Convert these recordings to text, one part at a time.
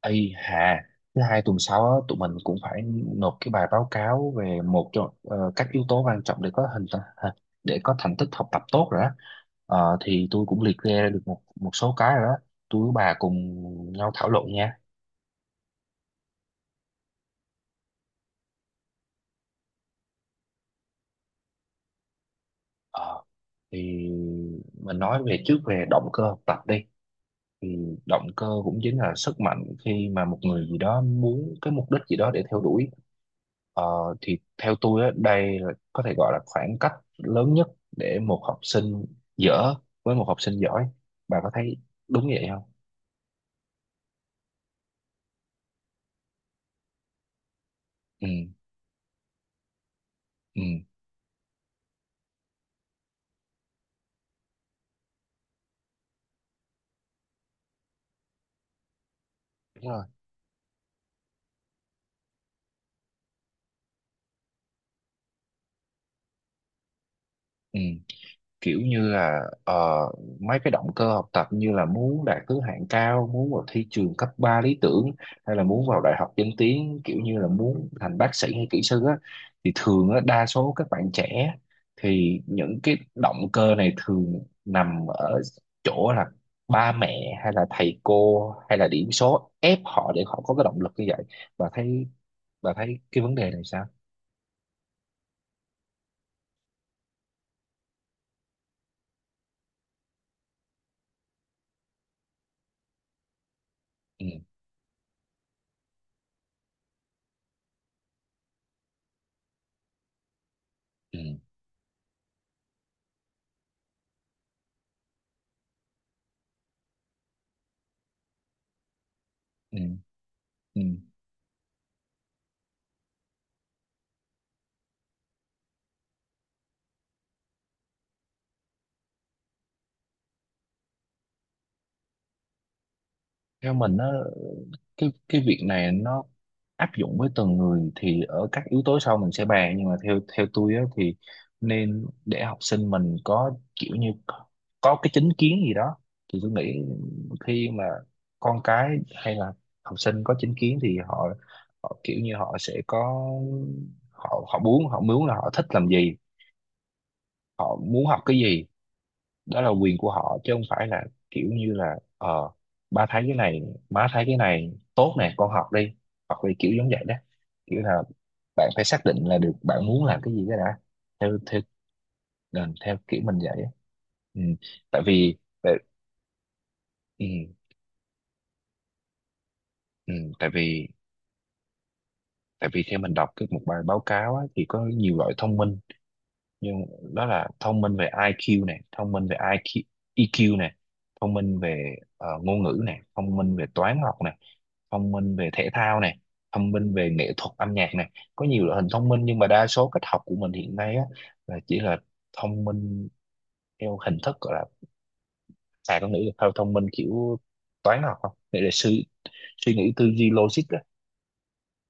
Ây hà, thứ hai tuần sau á, tụi mình cũng phải nộp cái bài báo cáo về một trong các yếu tố quan trọng để có thành tích học tập tốt rồi đó. Thì tôi cũng liệt kê ra được một một số cái rồi đó. Tôi với bà cùng nhau thảo luận nha. Ờ, thì mình nói về trước về động cơ học tập đi. Thì động cơ cũng chính là sức mạnh khi mà một người gì đó muốn cái mục đích gì đó để theo đuổi. Ờ, thì theo tôi á, đây là có thể gọi là khoảng cách lớn nhất để một học sinh dở với một học sinh giỏi. Bà có thấy đúng vậy không? Ừ, ừ, đúng rồi. Ừ. Kiểu như là mấy cái động cơ học tập như là muốn đạt thứ hạng cao, muốn vào thi trường cấp 3 lý tưởng, hay là muốn vào đại học danh tiếng, kiểu như là muốn thành bác sĩ hay kỹ sư á, thì thường á, đa số các bạn trẻ thì những cái động cơ này thường nằm ở chỗ là ba mẹ hay là thầy cô hay là điểm số ép họ để họ có cái động lực như vậy. bà thấy bà thấy cái vấn đề này sao? Ừ, ừ, ừ, ừ. Theo mình á, cái việc này nó áp dụng với từng người thì ở các yếu tố sau mình sẽ bàn, nhưng mà theo theo tôi á, thì nên để học sinh mình có kiểu như có cái chính kiến gì đó. Thì tôi nghĩ khi mà con cái hay là học sinh có chính kiến thì họ kiểu như họ sẽ có, họ họ muốn là họ thích làm gì, họ muốn học cái gì, đó là quyền của họ chứ không phải là kiểu như là ba thấy cái này, má thấy cái này tốt nè con học đi, hoặc là kiểu giống vậy đó. Kiểu là bạn phải xác định là được bạn muốn làm cái gì cái đã. Theo theo ờ, Theo kiểu mình vậy á. Ừ. tại vì tại, ừ, ừ, tại vì tại vì theo mình đọc cái một bài báo cáo á, thì có nhiều loại thông minh, nhưng đó là thông minh về IQ này, thông minh về IQ, EQ này, thông minh về ngôn ngữ này, thông minh về toán học này, thông minh về thể thao này, thông minh về nghệ thuật âm nhạc này. Có nhiều loại hình thông minh nhưng mà đa số cách học của mình hiện nay á là chỉ là thông minh theo hình thức gọi là, à con nghĩ là theo thông minh kiểu toán học không, để suy suy nghĩ tư duy logic á.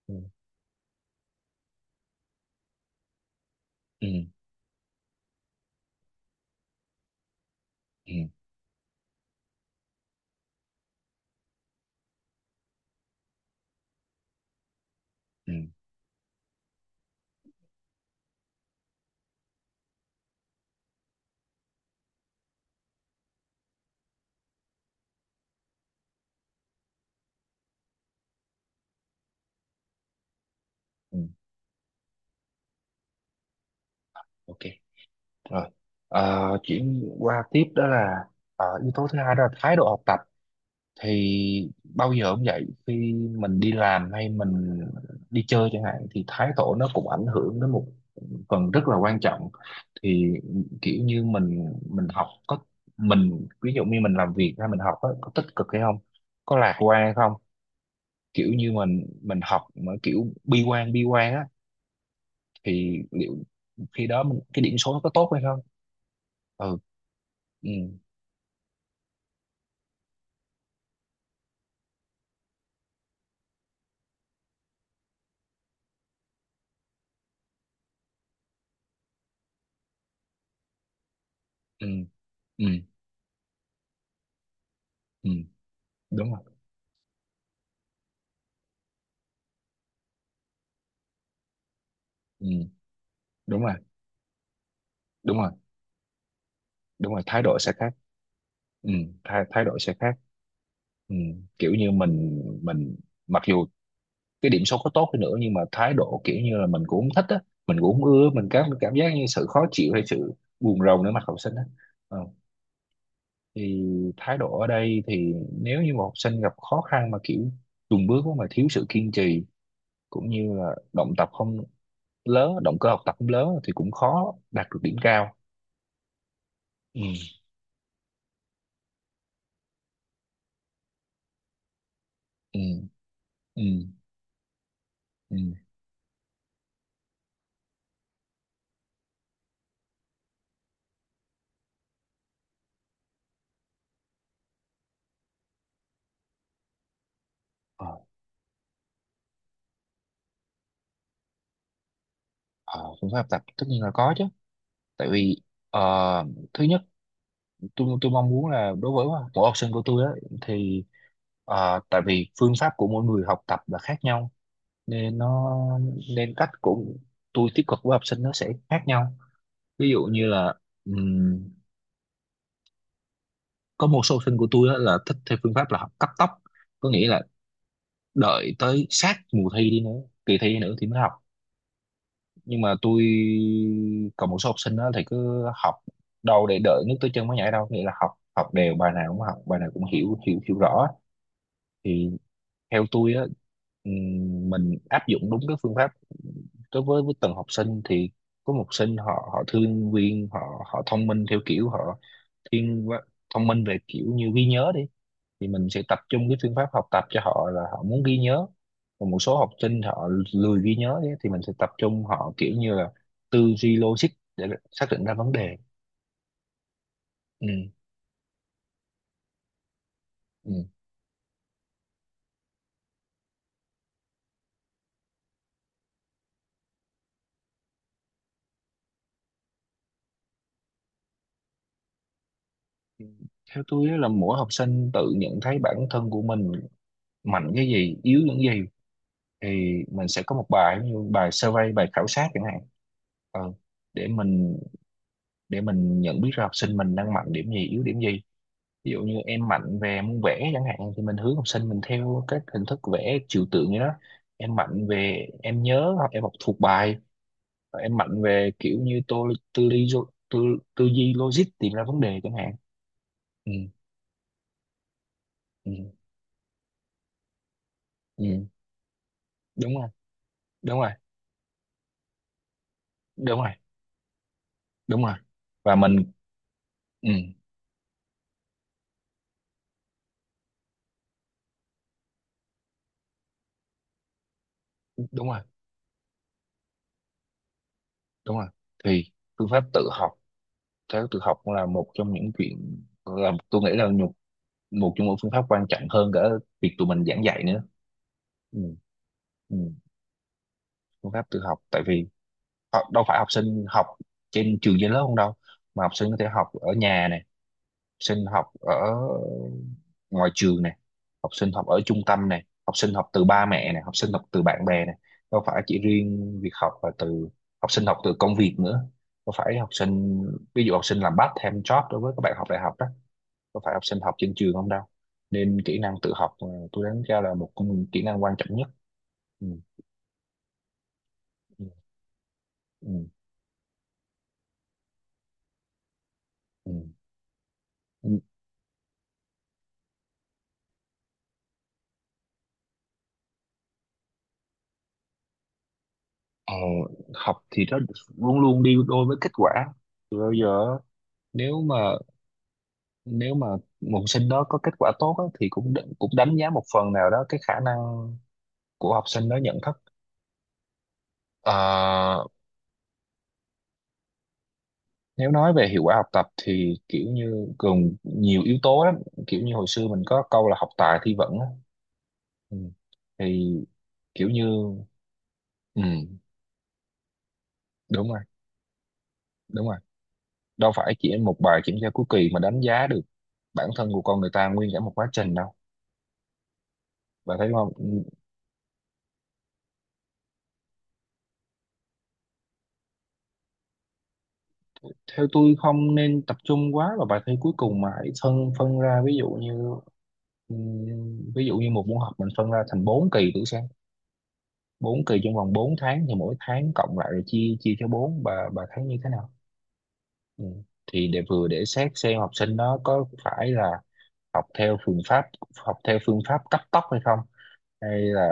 Ừ. Ừ. Ừ. Ừ. Ừ. Ok. Rồi. Chuyển qua tiếp đó là yếu tố thứ hai đó là thái độ học tập. Thì bao giờ cũng vậy, khi mình đi làm hay mình đi chơi chẳng hạn thì thái độ nó cũng ảnh hưởng đến một phần rất là quan trọng. Thì kiểu như mình học có mình ví dụ như mình làm việc hay mình học á, có tích cực hay không, có lạc quan hay không. Kiểu như mình học mà kiểu bi quan, bi quan á, thì liệu khi đó mình cái điểm số nó có tốt hay không. Ừ. Ừ. Ừ, ừ, ừ, đúng rồi. Ừ, đúng rồi, đúng rồi. Đúng rồi, thái độ sẽ khác. Ừ. thái thái độ sẽ khác. Ừ. Kiểu như mình, mặc dù cái điểm số có tốt đi nữa nhưng mà thái độ kiểu như là mình cũng không thích á, mình cũng không ưa, mình cảm cảm giác như sự khó chịu hay sự buồn rầu nữa mặt học sinh á. Ờ, thì thái độ ở đây thì nếu như một học sinh gặp khó khăn mà kiểu chùn bước á, mà thiếu sự kiên trì cũng như là động cơ học tập không lớn thì cũng khó đạt được điểm cao. Ừ. Ừ. Ừ. Ừ. ờ, ờ, Phương pháp tập tất nhiên là có chứ. Tại vì ờ, thứ nhất, tôi mong muốn là đối với mỗi học sinh của tôi á, thì tại vì phương pháp của mỗi người học tập là khác nhau, nên nó nên cách của tôi tiếp cận với học sinh nó sẽ khác nhau. Ví dụ như là ừm, có một số học sinh của tôi á là thích theo phương pháp là học cắt tóc, có nghĩa là đợi tới sát mùa thi đi nữa kỳ thi đi nữa thì mới học. Nhưng mà tôi, còn một số học sinh đó thì cứ học, đâu để đợi nước tới chân mới nhảy đâu, nghĩa là học học đều, bài nào cũng học, bài nào cũng hiểu hiểu hiểu rõ. Thì theo tôi á, mình áp dụng đúng cái phương pháp đối với từng học sinh thì có một học sinh họ họ thương viên họ họ thông minh theo kiểu họ thiên quá- thông minh về kiểu như ghi nhớ đi, thì mình sẽ tập trung cái phương pháp học tập cho họ là họ muốn ghi nhớ. Còn một số học sinh họ lười ghi nhớ ấy, thì mình sẽ tập trung họ kiểu như là tư duy logic để xác định ra vấn đề. Ừ. Ừ. Theo tôi á là mỗi học sinh tự nhận thấy bản thân của mình mạnh cái gì, yếu những gì, thì mình sẽ có một bài như bài survey, bài khảo sát chẳng hạn. Ờ, để mình, nhận biết ra học sinh mình đang mạnh điểm gì, yếu điểm gì. Ví dụ như em mạnh về môn vẽ chẳng hạn thì mình hướng học sinh mình theo các hình thức vẽ trừu tượng như đó, em mạnh về em nhớ hoặc em học thuộc bài, và em mạnh về kiểu như tô tư duy, tư, tư duy logic tìm ra vấn đề chẳng hạn. Ừ. Ừ, ừ, Đúng rồi, đúng rồi, đúng rồi, đúng rồi. Và mình Ừ, đúng rồi, đúng rồi. Thì phương pháp tự học, theo tự học cũng là một trong những chuyện là tôi nghĩ là một, một trong những phương pháp quan trọng hơn cả việc tụi mình giảng dạy nữa. Ừ. Ừ. Phương pháp tự học, tại vì đâu phải học sinh học trên trường, trên lớp không đâu, mà học sinh có thể học ở nhà này, sinh học ở ngoài trường này, học sinh học ở trung tâm này, học sinh học từ ba mẹ này, học sinh học từ bạn bè này, đâu phải chỉ riêng việc học là từ, học sinh học từ công việc nữa, đâu phải học sinh, ví dụ học sinh làm part time job đối với các bạn học đại học đó, đâu phải học sinh học trên trường không đâu. Nên kỹ năng tự học, tôi đánh giá là một trong những kỹ năng quan trọng nhất. Ừ. Ừ. Ừ. Ừ. Ừ. Ờ, học thì nó luôn luôn đi đôi với kết quả từ bao giờ. nếu mà Nếu mà một học sinh đó có kết quả tốt á, thì cũng cũng đánh giá một phần nào đó cái khả năng của học sinh đó nhận thức. Ờ, nếu nói về hiệu quả học tập thì kiểu như gồm nhiều yếu tố lắm, kiểu như hồi xưa mình có câu là học tài thi vững á. Ừ. Thì kiểu như, ừ, đúng rồi, đúng rồi. Đâu phải chỉ một bài kiểm tra cuối kỳ mà đánh giá được bản thân của con người ta nguyên cả một quá trình đâu, bạn thấy không? Ừ, theo tôi không nên tập trung quá vào bài thi cuối cùng mà hãy phân phân ra, ví dụ như, ừ, ví dụ như một môn học mình phân ra thành 4 kỳ buổi sáng, bốn kỳ trong vòng 4 tháng, thì mỗi tháng cộng lại rồi chia chia cho bốn. Bà thấy như thế nào? Ừ. Thì để vừa để xét xem học sinh nó có phải là học theo phương pháp học theo phương pháp cấp tốc hay không, hay là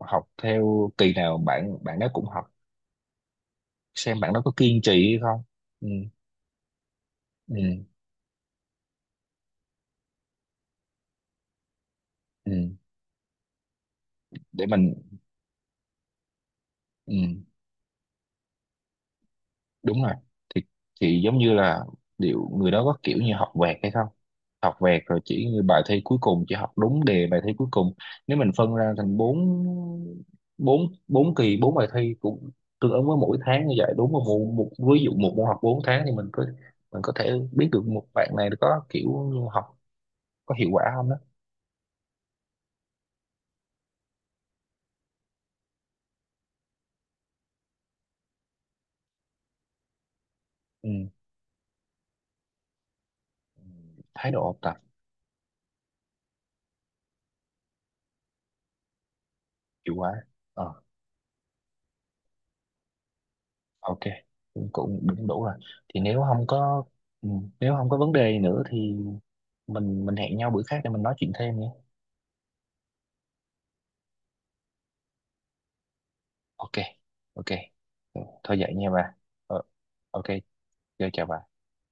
học theo kỳ nào bạn bạn đó cũng học, xem bạn đó có kiên trì hay không. Ừ. Ừ. Ừ. để mình Ừ, đúng rồi. thì thì giống như là liệu người đó có kiểu như học vẹt hay không, học vẹt rồi chỉ như bài thi cuối cùng chỉ học đúng đề bài thi cuối cùng. Nếu mình phân ra thành bốn bốn bốn kỳ, bốn bài thi cũng tương ứng với mỗi tháng như vậy, đúng không? Một ví dụ một môn học bốn tháng thì mình có, mình có thể biết được một bạn này có kiểu như học có hiệu quả không đó. Ừ. Thái độ học tập. Hiệu quả. Ờ. Ok. cũng Cũng đủ rồi. Thì nếu không có, ừ, nếu không có vấn đề gì nữa thì mình hẹn nhau bữa khác để mình nói chuyện thêm nhé. Ok. Ok. Thôi vậy nha bà. Ờ. Ok. Chào chào bà.